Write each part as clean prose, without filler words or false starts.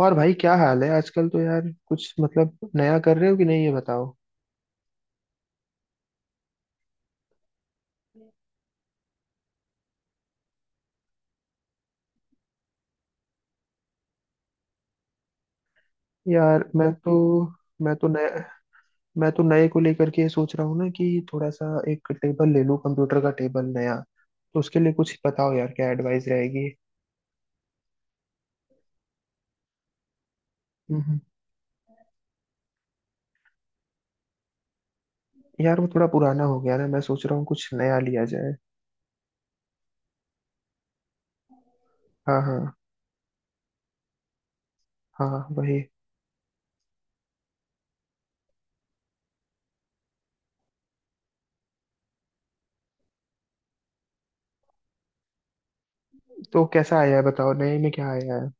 और भाई क्या हाल है आजकल? तो यार कुछ मतलब नया कर रहे हो कि नहीं, ये बताओ। यार मैं तो नया मैं तो नए को लेकर के ये सोच रहा हूँ ना कि थोड़ा सा एक टेबल ले लूँ, कंप्यूटर का टेबल नया। तो उसके लिए कुछ बताओ यार, क्या एडवाइस रहेगी। हम्म। यार वो थोड़ा पुराना हो गया ना, मैं सोच रहा हूँ कुछ नया लिया जाए। हाँ, हाँ हाँ वही। तो कैसा आया है बताओ, नए में क्या आया है?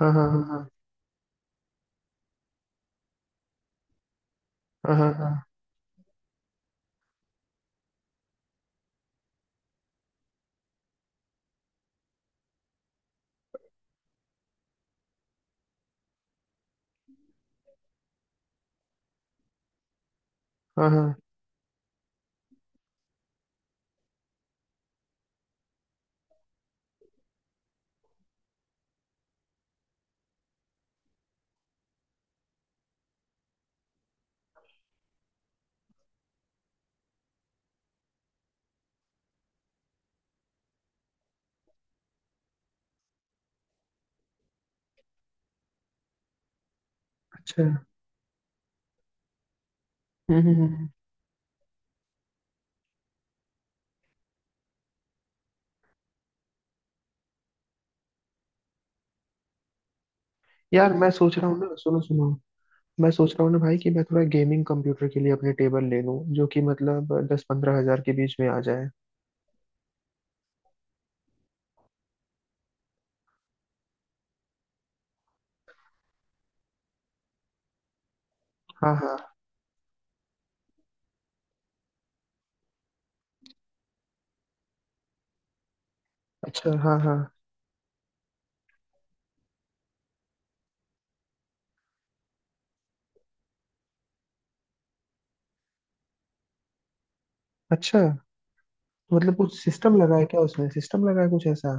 हाँ हाँ हाँ हाँ हाँ हाँ हाँ हाँ। अच्छा। हम्म, हम्म। यार मैं सोच रहा हूँ ना, सुनो सुनो, मैं सोच रहा हूँ ना भाई कि मैं थोड़ा गेमिंग कंप्यूटर के लिए अपने टेबल ले लूँ जो कि मतलब 10-15 हजार के बीच में आ जाए। हाँ हाँ। अच्छा हाँ हाँ। अच्छा, तो मतलब कुछ सिस्टम लगा है क्या उसमें? सिस्टम लगा है कुछ ऐसा?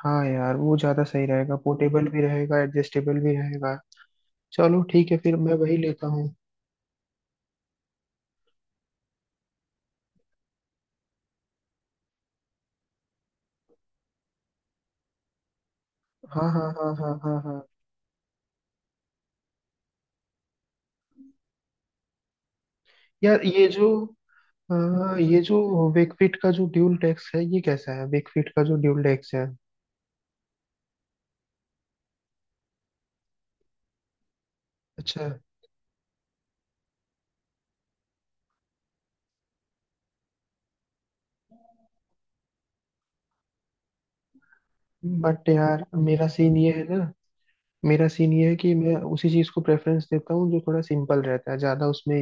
हाँ यार, वो ज़्यादा सही रहेगा, पोर्टेबल भी रहेगा, एडजस्टेबल भी रहेगा। चलो ठीक है, फिर मैं वही लेता हूँ। हाँ हाँ हाँ हाँ हाँ हाँ। यार ये जो हाँ ये जो वेकफिट का जो ड्यूल डेस्क है ये कैसा है? वेकफिट का जो ड्यूल डेस्क है। अच्छा। बट यार मेरा सीन ये है ना मेरा सीन ये है कि मैं उसी चीज को प्रेफरेंस देता हूँ जो थोड़ा सिंपल रहता है, ज्यादा उसमें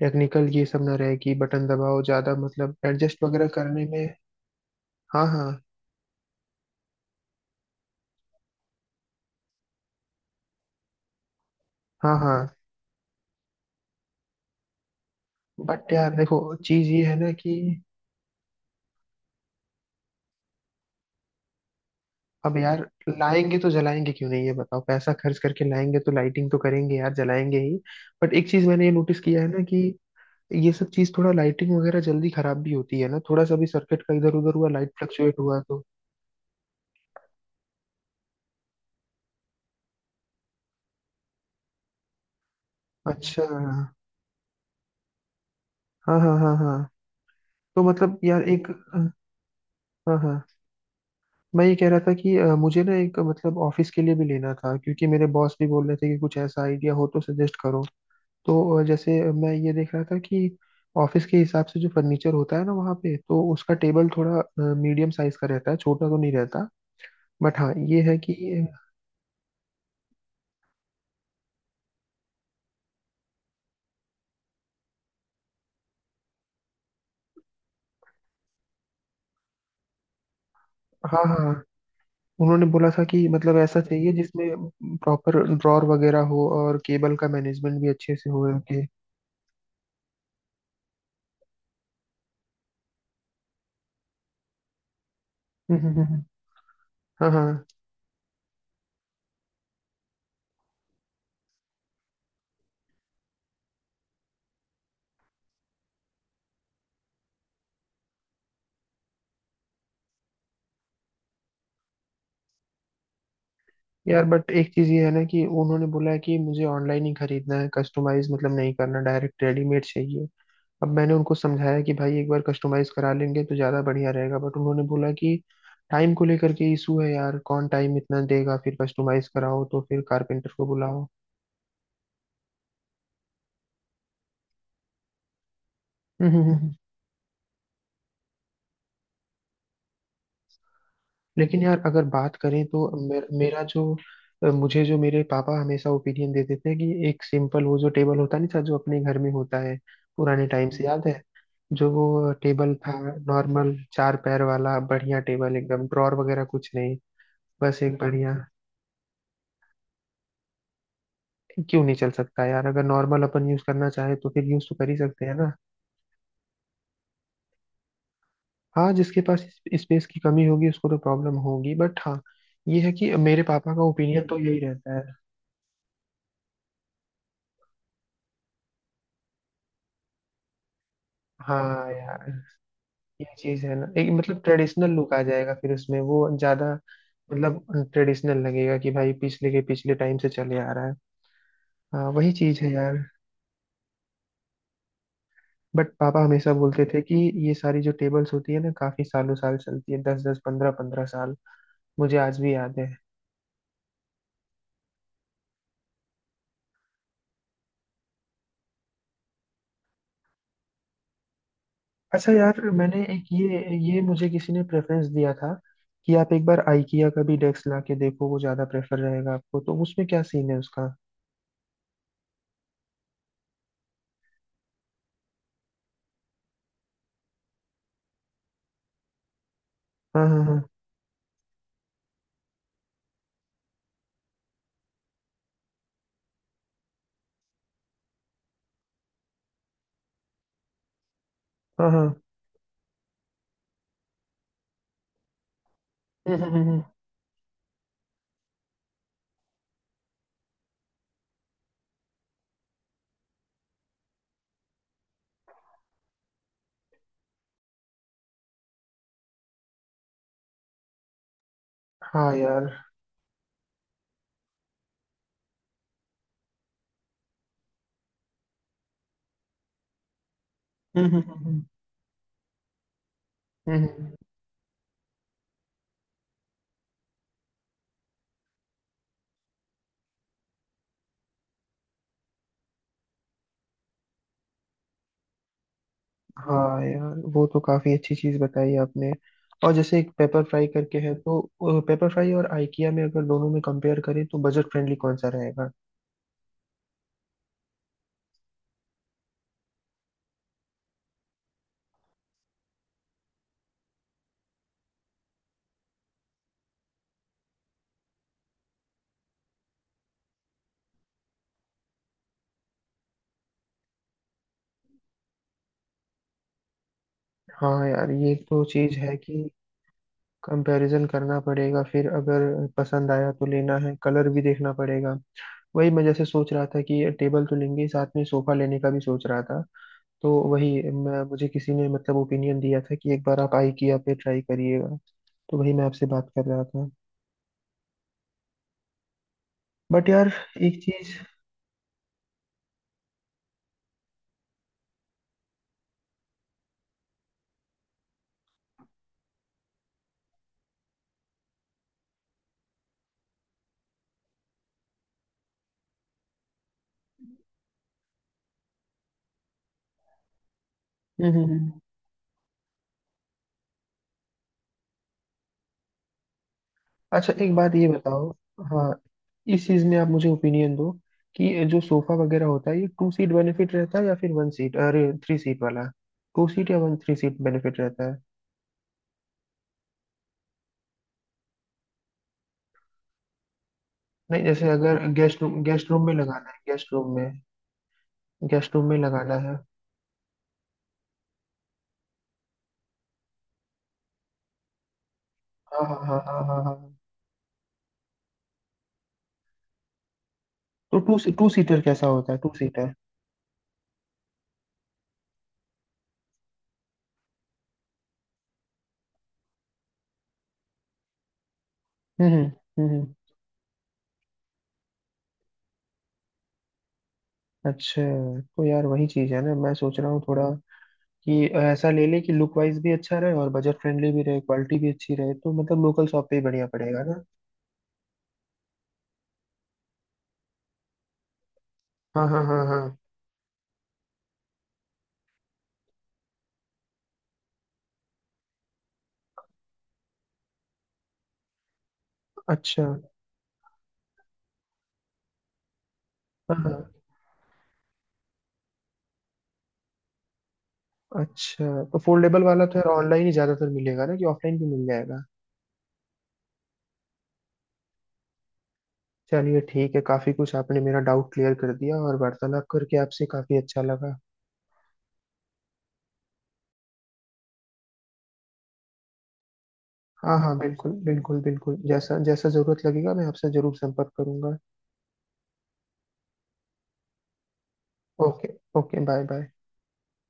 टेक्निकल ये सब ना रहे कि बटन दबाओ, ज्यादा मतलब एडजस्ट वगैरह करने में। हाँ हाँ हाँ हाँ। बट यार देखो चीज ये है ना कि अब यार लाएंगे तो जलाएंगे क्यों नहीं, ये बताओ। पैसा खर्च करके लाएंगे तो लाइटिंग तो करेंगे यार, जलाएंगे ही। बट एक चीज मैंने ये नोटिस किया है ना कि ये सब चीज थोड़ा लाइटिंग वगैरह जल्दी खराब भी होती है ना। थोड़ा सा भी सर्किट का इधर उधर हुआ, लाइट फ्लक्चुएट हुआ तो। अच्छा। हाँ हाँ हाँ हाँ। तो मतलब यार एक हाँ हाँ, मैं ये कह रहा था कि मुझे ना एक मतलब ऑफिस के लिए भी लेना था, क्योंकि मेरे बॉस भी बोल रहे थे कि कुछ ऐसा आइडिया हो तो सजेस्ट करो। तो जैसे मैं ये देख रहा था कि ऑफिस के हिसाब से जो फर्नीचर होता है ना वहाँ पे, तो उसका टेबल थोड़ा मीडियम साइज का रहता है, छोटा तो नहीं रहता। बट हाँ ये है कि। हाँ हाँ। उन्होंने बोला था कि मतलब ऐसा चाहिए जिसमें प्रॉपर ड्रॉर वगैरह हो और केबल का मैनेजमेंट भी अच्छे से हो रखे। हम्म। हाँ हाँ। यार बट एक चीज ये है ना कि उन्होंने बोला है कि मुझे ऑनलाइन ही खरीदना है, कस्टमाइज मतलब नहीं करना, डायरेक्ट रेडीमेड चाहिए। अब मैंने उनको समझाया कि भाई एक बार कस्टमाइज करा लेंगे तो ज्यादा बढ़िया रहेगा, बट उन्होंने बोला कि टाइम को लेकर के इशू है यार, कौन टाइम इतना देगा, फिर कस्टमाइज कराओ तो फिर कारपेंटर को बुलाओ। लेकिन यार अगर बात करें तो मेरा जो मुझे जो मेरे पापा हमेशा ओपिनियन देते थे कि एक सिंपल वो जो टेबल होता नहीं था जो अपने घर में होता है, पुराने टाइम से याद है, जो वो टेबल था, नॉर्मल चार पैर वाला बढ़िया टेबल एकदम, ड्रॉर वगैरह कुछ नहीं, बस एक बढ़िया। क्यों नहीं चल सकता यार, अगर नॉर्मल अपन यूज करना चाहे तो फिर यूज तो कर ही सकते हैं ना। हाँ, जिसके पास स्पेस की कमी होगी उसको तो प्रॉब्लम होगी, बट हाँ ये है कि मेरे पापा का ओपिनियन तो यही रहता है। हाँ यार, ये चीज है ना, एक मतलब ट्रेडिशनल लुक आ जाएगा फिर उसमें, वो ज्यादा मतलब ट्रेडिशनल लगेगा कि भाई पिछले के पिछले टाइम से चले आ रहा है। हाँ वही चीज है यार। बट पापा हमेशा बोलते थे कि ये सारी जो टेबल्स होती है ना काफी सालों साल चलती है, 10-10, 15-15 साल। मुझे आज भी याद है। अच्छा यार, मैंने एक ये मुझे किसी ने प्रेफरेंस दिया था कि आप एक बार IKEA का भी डेस्क ला के देखो, वो ज्यादा प्रेफर रहेगा आपको। तो उसमें क्या सीन है उसका? हाँ हाँ हाँ हाँ हाँ। हम्म, हम्म, हम्म, हम्म। हाँ यार। हम्म हम्म, हम्म, हम्म। हम्म। हाँ यार, वो तो काफी अच्छी चीज बताई आपने। और जैसे एक पेपर फ्राई करके है, तो पेपर फ्राई और आइकिया में, अगर दोनों में कंपेयर करें तो बजट फ्रेंडली कौन सा रहेगा? हाँ यार ये तो चीज है कि कंपैरिजन करना पड़ेगा, फिर अगर पसंद आया तो लेना है, कलर भी देखना पड़ेगा। वही मैं जैसे सोच रहा था कि टेबल तो लेंगे ही, साथ में सोफा लेने का भी सोच रहा था। तो वही मैं, मुझे किसी ने मतलब ओपिनियन दिया था कि एक बार आप आइकिया पे ट्राई करिएगा। तो वही मैं आपसे बात कर रहा था। बट यार एक चीज हम्म हम्म, हम्म। अच्छा एक बात ये बताओ। हाँ, इस चीज में आप मुझे ओपिनियन दो कि जो सोफा वगैरह होता है, ये टू सीट बेनिफिट रहता है या फिर वन सीट, अरे थ्री सीट वाला, टू सीट या वन, थ्री सीट बेनिफिट रहता है? नहीं, जैसे अगर गेस्ट रूम, गेस्ट रूम में लगाना है। गेस्ट रूम में लगाना है। हाँ हाँ हाँ हाँ हाँ हाँ। तो टू टू सीटर कैसा होता है, टू सीटर? हम्म। हम्म, हम्म। अच्छा, तो यार वही चीज है ना, मैं सोच रहा हूँ थोड़ा कि ऐसा ले ले कि लुक वाइज भी अच्छा रहे और बजट फ्रेंडली भी रहे, क्वालिटी भी अच्छी रहे। तो मतलब लोकल शॉप पे ही बढ़िया पड़ेगा ना? हाँ हाँ हाँ हाँ। अच्छा हाँ हाँ। अच्छा, तो फोल्डेबल वाला तो यार ऑनलाइन ही ज़्यादातर मिलेगा ना, कि ऑफलाइन भी मिल जाएगा? चलिए ठीक है, काफ़ी कुछ आपने मेरा डाउट क्लियर कर दिया, और वार्तालाप करके आपसे काफ़ी अच्छा लगा। हाँ हाँ, बिल्कुल बिल्कुल बिल्कुल, जैसा जैसा ज़रूरत लगेगा मैं आपसे ज़रूर संपर्क करूंगा। ओके। Okay, bye bye.